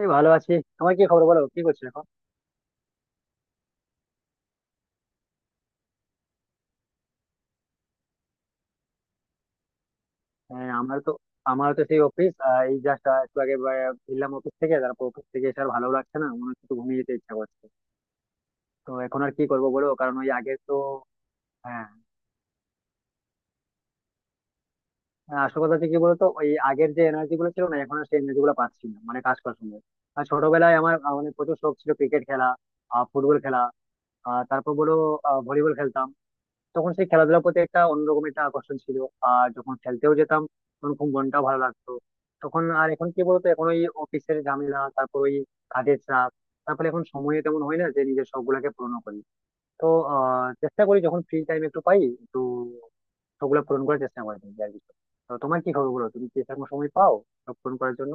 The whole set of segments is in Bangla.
এই ভালো আছি। আমার কি খবর বলো, কি করছো এখন? হ্যাঁ, আমার তো সেই অফিস। এই জাস্ট একটু আগে ফিরলাম অফিস থেকে, তারপর অফিস থেকে এসে আর ভালো লাগছে না, মনে হচ্ছে একটু ঘুমিয়ে যেতে ইচ্ছা করছে। তো এখন আর কি করবো বলো, কারণ ওই আগের তো। হ্যাঁ, হ্যাঁ, আসল কথা হচ্ছে কি বলতো, ওই আগের যে এনার্জি গুলো ছিল, না এখন আর সেই এনার্জি গুলো পাচ্ছি না মানে কাজ করার সময়। আর ছোটবেলায় আমার অনেক প্রচুর শখ ছিল, ক্রিকেট খেলা, ফুটবল খেলা। তারপর বলো, ভলিবল খেলতাম। তখন সেই খেলাধুলার প্রতি একটা অন্যরকম একটা আকর্ষণ ছিল। আর যখন খেলতেও যেতাম তখন খুব মনটাও ভালো লাগতো। তখন আর এখন কি বলতো, এখন ওই অফিসের ঝামেলা, তারপর ওই কাজের চাপ, তারপরে এখন সময় তেমন হয় না যে নিজের শখ গুলাকে পূরণ করি। তো চেষ্টা করি, যখন ফ্রি টাইম একটু পাই একটু শখগুলা পূরণ করার চেষ্টা করি নিজে আর কি। তো তোমার কি খবর বলো, তুমি কি সেরকম সময় পাও সব পূরণ করার জন্য?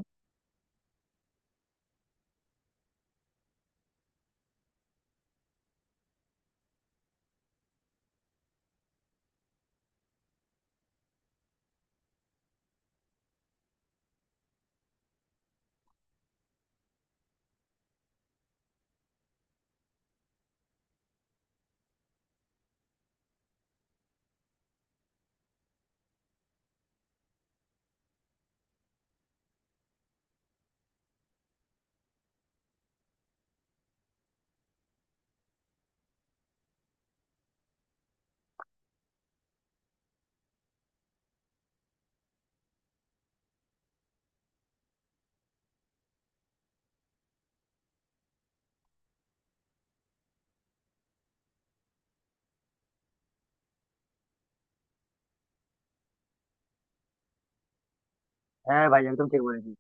হ্যাঁ ভাই, একদম ঠিক বলেছি।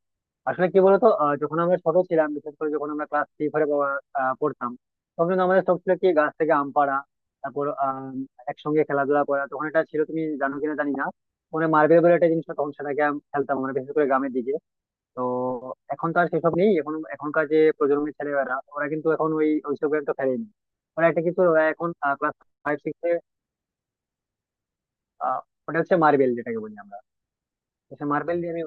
আসলে কি বলতো, যখন আমরা ছোট ছিলাম, বিশেষ করে যখন আমরা ক্লাস থ্রি ফোরে পড়তাম, তখন কিন্তু আমাদের শখ ছিল কি গাছ থেকে আম পাড়া, তারপর আম, একসঙ্গে খেলাধুলা করা। তখন এটা ছিল, তুমি জানো কিনা জানি না, মানে মার্বেল বলে একটা জিনিস হতো, তখন সেটাকে খেলতাম আমরা, বিশেষ করে গ্রামের দিকে। তো এখন তো আর সেসব নেই। এখন এখনকার যে প্রজন্মের ছেলেমেয়েরা, ওরা কিন্তু এখন ওইসব গেম তো খেলেনি। ওরা একটা কিন্তু ওরা এখন ক্লাস ফাইভ সিক্স এ। আহ, ওটা হচ্ছে মার্বেল, যেটাকে বলি আমরা। তো সে মার্বেল নিয়ে আমি।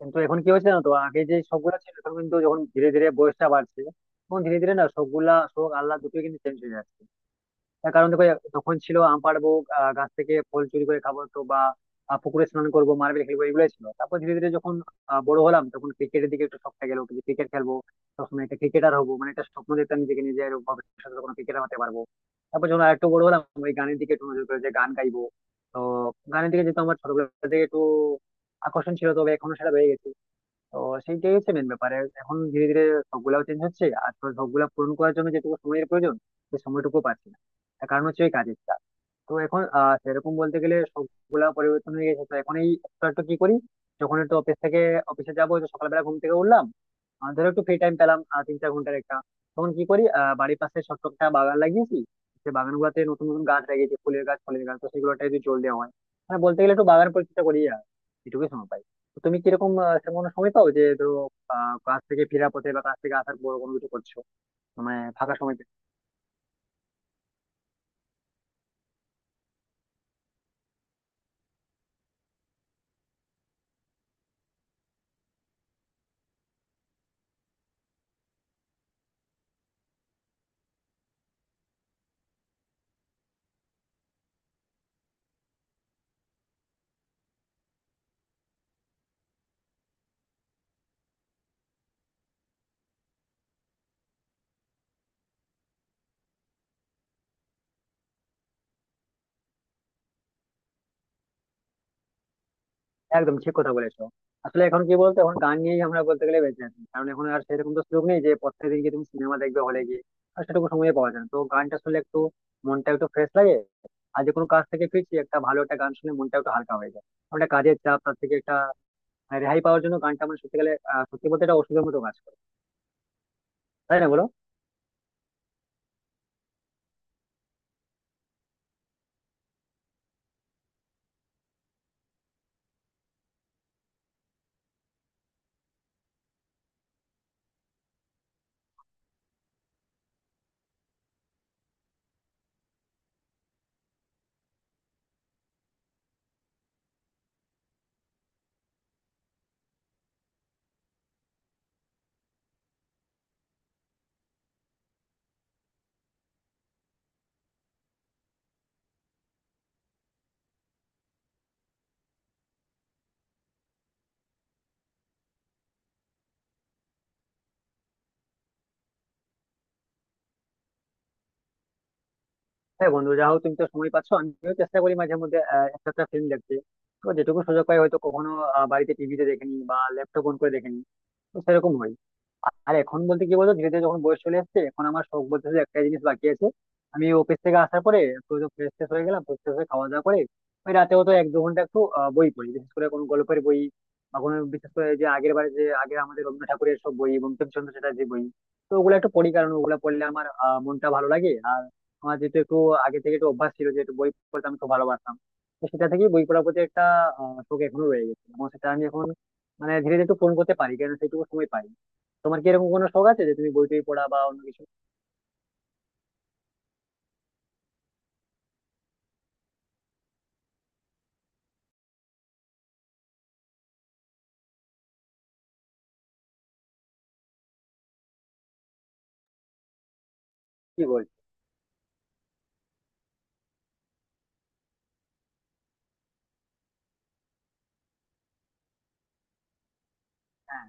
কিন্তু এখন কি হয়েছে না, তো আগে যে শখগুলা ছিল এখন কিন্তু যখন ধীরে ধীরে বয়সটা বাড়ছে তখন ধীরে ধীরে না শখগুলা শখ আল্লাহ দুটোই কিন্তু চেঞ্জ হয়ে যাচ্ছে। তার কারণ দেখো, তখন ছিল আম পাড়বো, গাছ থেকে ফল চুরি করে খাবো তো, বা পুকুরে স্নান করবো, মার্বেল খেলবো, এগুলোই ছিল। তারপর ধীরে ধীরে যখন বড় হলাম তখন ক্রিকেটের দিকে একটু শখটা গেলো যে ক্রিকেট খেলবো, সবসময় একটা ক্রিকেটার হবো, মানে একটা স্বপ্ন দেখতাম নিজেকে নিজে এরকম, ভবিষ্যতে কোনো ক্রিকেটার হতে পারবো। তারপর যখন আরেকটু বড় হলাম, ওই গানের দিকে একটু নজর গেলো যে গান গাইবো। তো গানের দিকে যেহেতু আমার ছোটবেলা থেকে একটু আকর্ষণ ছিল, তবে এখনো সেটা রয়ে গেছে। তো সেইটাই হচ্ছে মেন ব্যাপার। আর এখন ধীরে ধীরে সবগুলাও চেঞ্জ হচ্ছে, আর তো সবগুলা পূরণ করার জন্য যেটুকু সময়ের প্রয়োজন সেই সময়টুকু পাচ্ছি না। তার কারণ হচ্ছে ওই কাজের চাপ। তো এখন সেরকম বলতে গেলে সবগুলা পরিবর্তন হয়ে গেছে। তো এখন এই একটু একটু কি করি, যখন একটু অফিস থেকে অফিসে যাবো তো সকালবেলা ঘুম থেকে উঠলাম, ধরো একটু ফ্রি টাইম পেলাম, 3-4 ঘন্টার একটা, তখন কি করি, বাড়ির পাশে ছোট্ট একটা বাগান লাগিয়েছি। সে বাগান গুলাতে নতুন নতুন গাছ লাগিয়েছি, ফুলের গাছ, ফলের গাছ, তো সেগুলোটা যদি জল দেওয়া হয়, মানে বলতে গেলে একটু বাগান পরিচর্যা করি। আর এটুকুই সময় পাই। তো তুমি কিরকম, সেরকম কোনো সময় পাও যে ধরো কাজ থেকে ফেরার পথে বা কাজ থেকে আসার পর কোনো কিছু করছো, মানে ফাঁকা সময়? একদম ঠিক কথা বলেছো। আসলে এখন কি বলতো, এখন গান নিয়েই আমরা বলতে গেলে বেঁচে আছি, কারণ এখন আর সেরকম তো সুযোগ নেই যে প্রত্যেকদিন গিয়ে তুমি সিনেমা দেখবে হলে গিয়ে। আর সেটুকু সময় পাওয়া যায় না, তো গানটা শুনলে একটু মনটা একটু ফ্রেশ লাগে। আর যে কোনো কাজ থেকে ফিরছি, একটা ভালো একটা গান শুনে মনটা একটু হালকা হয়ে যায়। একটা কাজের চাপ, তার থেকে একটা রেহাই পাওয়ার জন্য গানটা মানে সত্যি গেলে, সত্যি বলতে এটা ওষুধের মতো কাজ করে। তাই না বলো? হ্যাঁ বন্ধু, যা হোক, তুমি তো সময় পাচ্ছ। আমিও চেষ্টা করি মাঝে মধ্যে একটা একটা ফিল্ম দেখতে। তো যেটুকু সুযোগ পাই, হয়তো কখনো বাড়িতে টিভিতে দেখেনি বা ল্যাপটপ অন করে দেখেনি, তো সেরকম হয়। আর এখন বলতে কি বলতো, ধীরে ধীরে যখন বয়স চলে আসছে, এখন আমার শখ বলতে শুধু একটাই জিনিস বাকি আছে। আমি অফিস থেকে আসার পরে একটু ফ্রেশ ট্রেশ হয়ে গেলাম, ফ্রেশ ট্রেশ হয়ে খাওয়া দাওয়া করে ওই রাতেও তো 1-2 ঘন্টা একটু বই পড়ি, বিশেষ করে কোনো গল্পের বই, বা কোনো বিশেষ করে যে আগের বারে যে আগে আমাদের রবীন্দ্রনাথ ঠাকুরের সব বই, বঙ্কিমচন্দ্র চ্যাটার্জির বই, তো ওগুলো একটু পড়ি, কারণ ওগুলো পড়লে আমার মনটা ভালো লাগে। আর আমার যেহেতু একটু আগে থেকে একটু অভ্যাস ছিল যে একটু বই পড়তে আমি খুব ভালোবাসতাম, তো সেটা থেকেই বই পড়ার প্রতি একটা শখ এখনো রয়ে গেছে, এবং সেটা আমি এখন মানে ধীরে ধীরে একটু পূরণ করতে পারি কেন সেইটুকু সময় পাই। তোমার কি এরকম কোনো শখ আছে যে তুমি বই টই পড়া বা অন্য কিছু? কি বলছো? হ্যাঁ,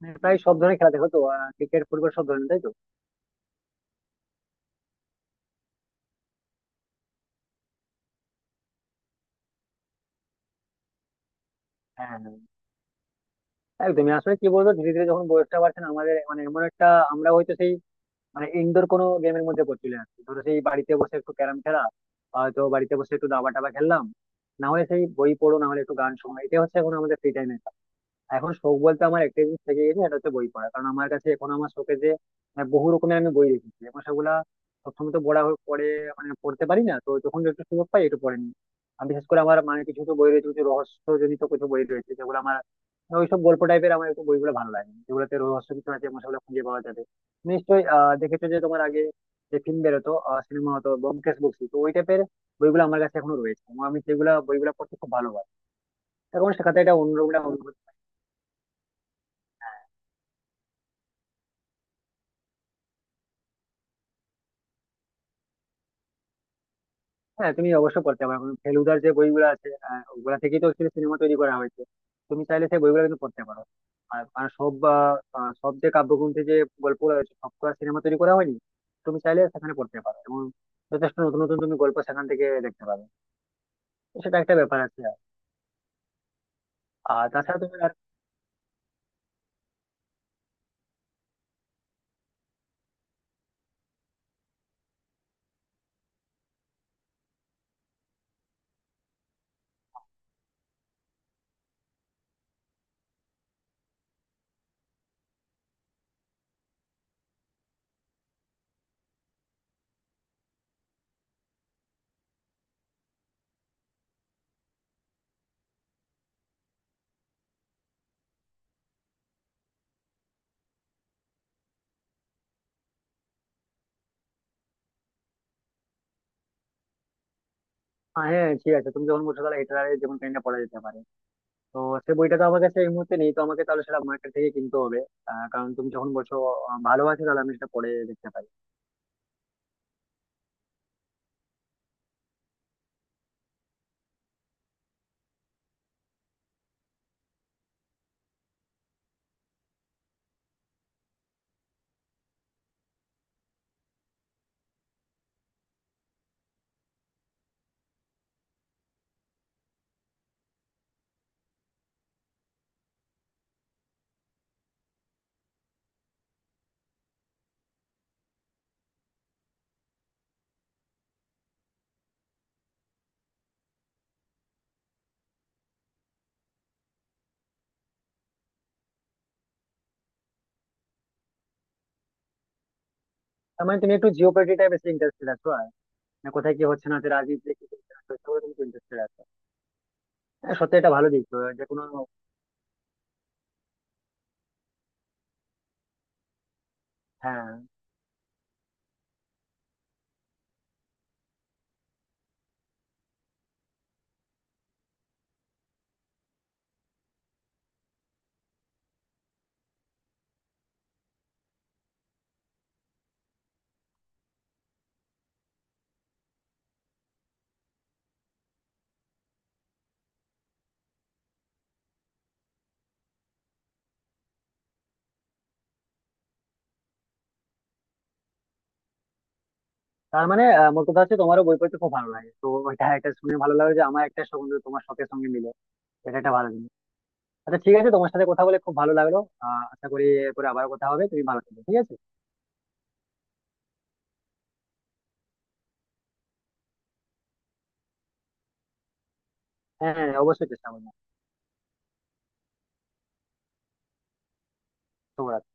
মানে প্রায় সব ধরনের খেলা দেখো তো, ক্রিকেট ফুটবল সব ধরনের, তাই তো? হ্যাঁ, হ্যাঁ, একদমই। আসলে কি বলবো, ধীরে ধীরে যখন বয়সটা বাড়ছে না আমাদের, মানে এমন একটা, আমরা হয়তো সেই মানে ইনডোর কোনো গেমের মধ্যে পড়ে চলে আসছি, ধরো সেই বাড়িতে বসে একটু ক্যারাম খেলা, হয়তো বাড়িতে বসে একটু দাবা টাবা খেললাম, না হলে সেই বই পড়ো, না হলে একটু গান শোনা, এটা হচ্ছে এখন আমাদের ফ্রি টাইম। এখন শখ বলতে আমার একটা জিনিস থেকে গেছে, সেটা হচ্ছে বই পড়া, কারণ আমার কাছে এখন আমার শখে যে বহু রকমের আমি বই রেখেছি এখন, সেগুলা সবসময় তো পড়া পড়ে মানে পড়তে পারি না, তো যখন একটু সুযোগ পাই একটু পড়ে নিই। আমি বিশেষ করে আমার মানে কিছু কিছু বই রয়েছে, কিছু রহস্যজনিত কিছু বই রয়েছে যেগুলো আমার মানে ওইসব গল্প টাইপের, আমার একটু বইগুলো ভালো লাগে যেগুলোতে রহস্য কিছু আছে এবং সেগুলো খুঁজে পাওয়া যাবে নিশ্চয়ই। দেখেছো যে তোমার আগে যে ফিল্ম বেরোতো, সিনেমা হতো, ব্যোমকেশ বক্সী, তো ওই টাইপের বইগুলো আমার কাছে এখনো রয়েছে এবং আমি সেগুলো বইগুলো পড়তে খুব ভালোবাসি, কারণ সেখানে একটা অন্যরকম একটা অনুভূতি। হ্যাঁ তুমি অবশ্যই পড়তে পারো, কারণ ফেলুদার যে বইগুলো আছে, ওগুলা থেকেই তো অ্যাকচুয়ালি সিনেমা তৈরি করা হয়েছে। তুমি চাইলে সেই বইগুলো কিন্তু পড়তে পারো। আর আর সব যে কাব্যগ্রন্থে যে গল্পগুলো রয়েছে, সব তো আর সিনেমা তৈরি করা হয়নি। তুমি চাইলে সেখানে পড়তে পারো এবং যথেষ্ট নতুন নতুন তুমি গল্প সেখান থেকে দেখতে পাবে। তো সেটা একটা ব্যাপার আছে। আর তাছাড়া তুমি আর হ্যাঁ, ঠিক আছে, তুমি যখন বলছো তাহলে হিটলারের যেমন কাহিনীটা পড়া যেতে পারে। তো সেই বইটা তো আমার কাছে এই মুহূর্তে নেই, তো আমাকে তাহলে সেটা মার্কেট থেকে কিনতে হবে। কারণ তুমি যখন বলছো ভালো আছে, তাহলে আমি সেটা পড়ে দেখতে পারি। তার মানে তুমি একটু জিওপলিটিক্যাল বেশি ইন্টারেস্টেড আছো আর, মানে কোথায় কি হচ্ছে না হচ্ছে, রাজনীতিতে কি হচ্ছে না হচ্ছে, এসবে তুমি ইন্টারেস্টেড আছো? হ্যাঁ সত্যি এটা ভালো দিক তো, যে কোনো, হ্যাঁ, তার মানে মোট কথা হচ্ছে তোমারও বই পড়তে খুব ভালো লাগে তো। এটা এটা শুনে ভালো লাগলো যে আমার একটা সঙ্গে তোমার শখের সঙ্গে মিলে, এটা একটা ভালো জিনিস। আচ্ছা ঠিক আছে, তোমার সাথে কথা বলে খুব ভালো লাগলো। আশা করি এরপরে আবার কথা হবে। তুমি ভালো থেকো, ঠিক আছে? হ্যাঁ, হ্যাঁ, অবশ্যই চেষ্টা করবো। শুভরাত্রি।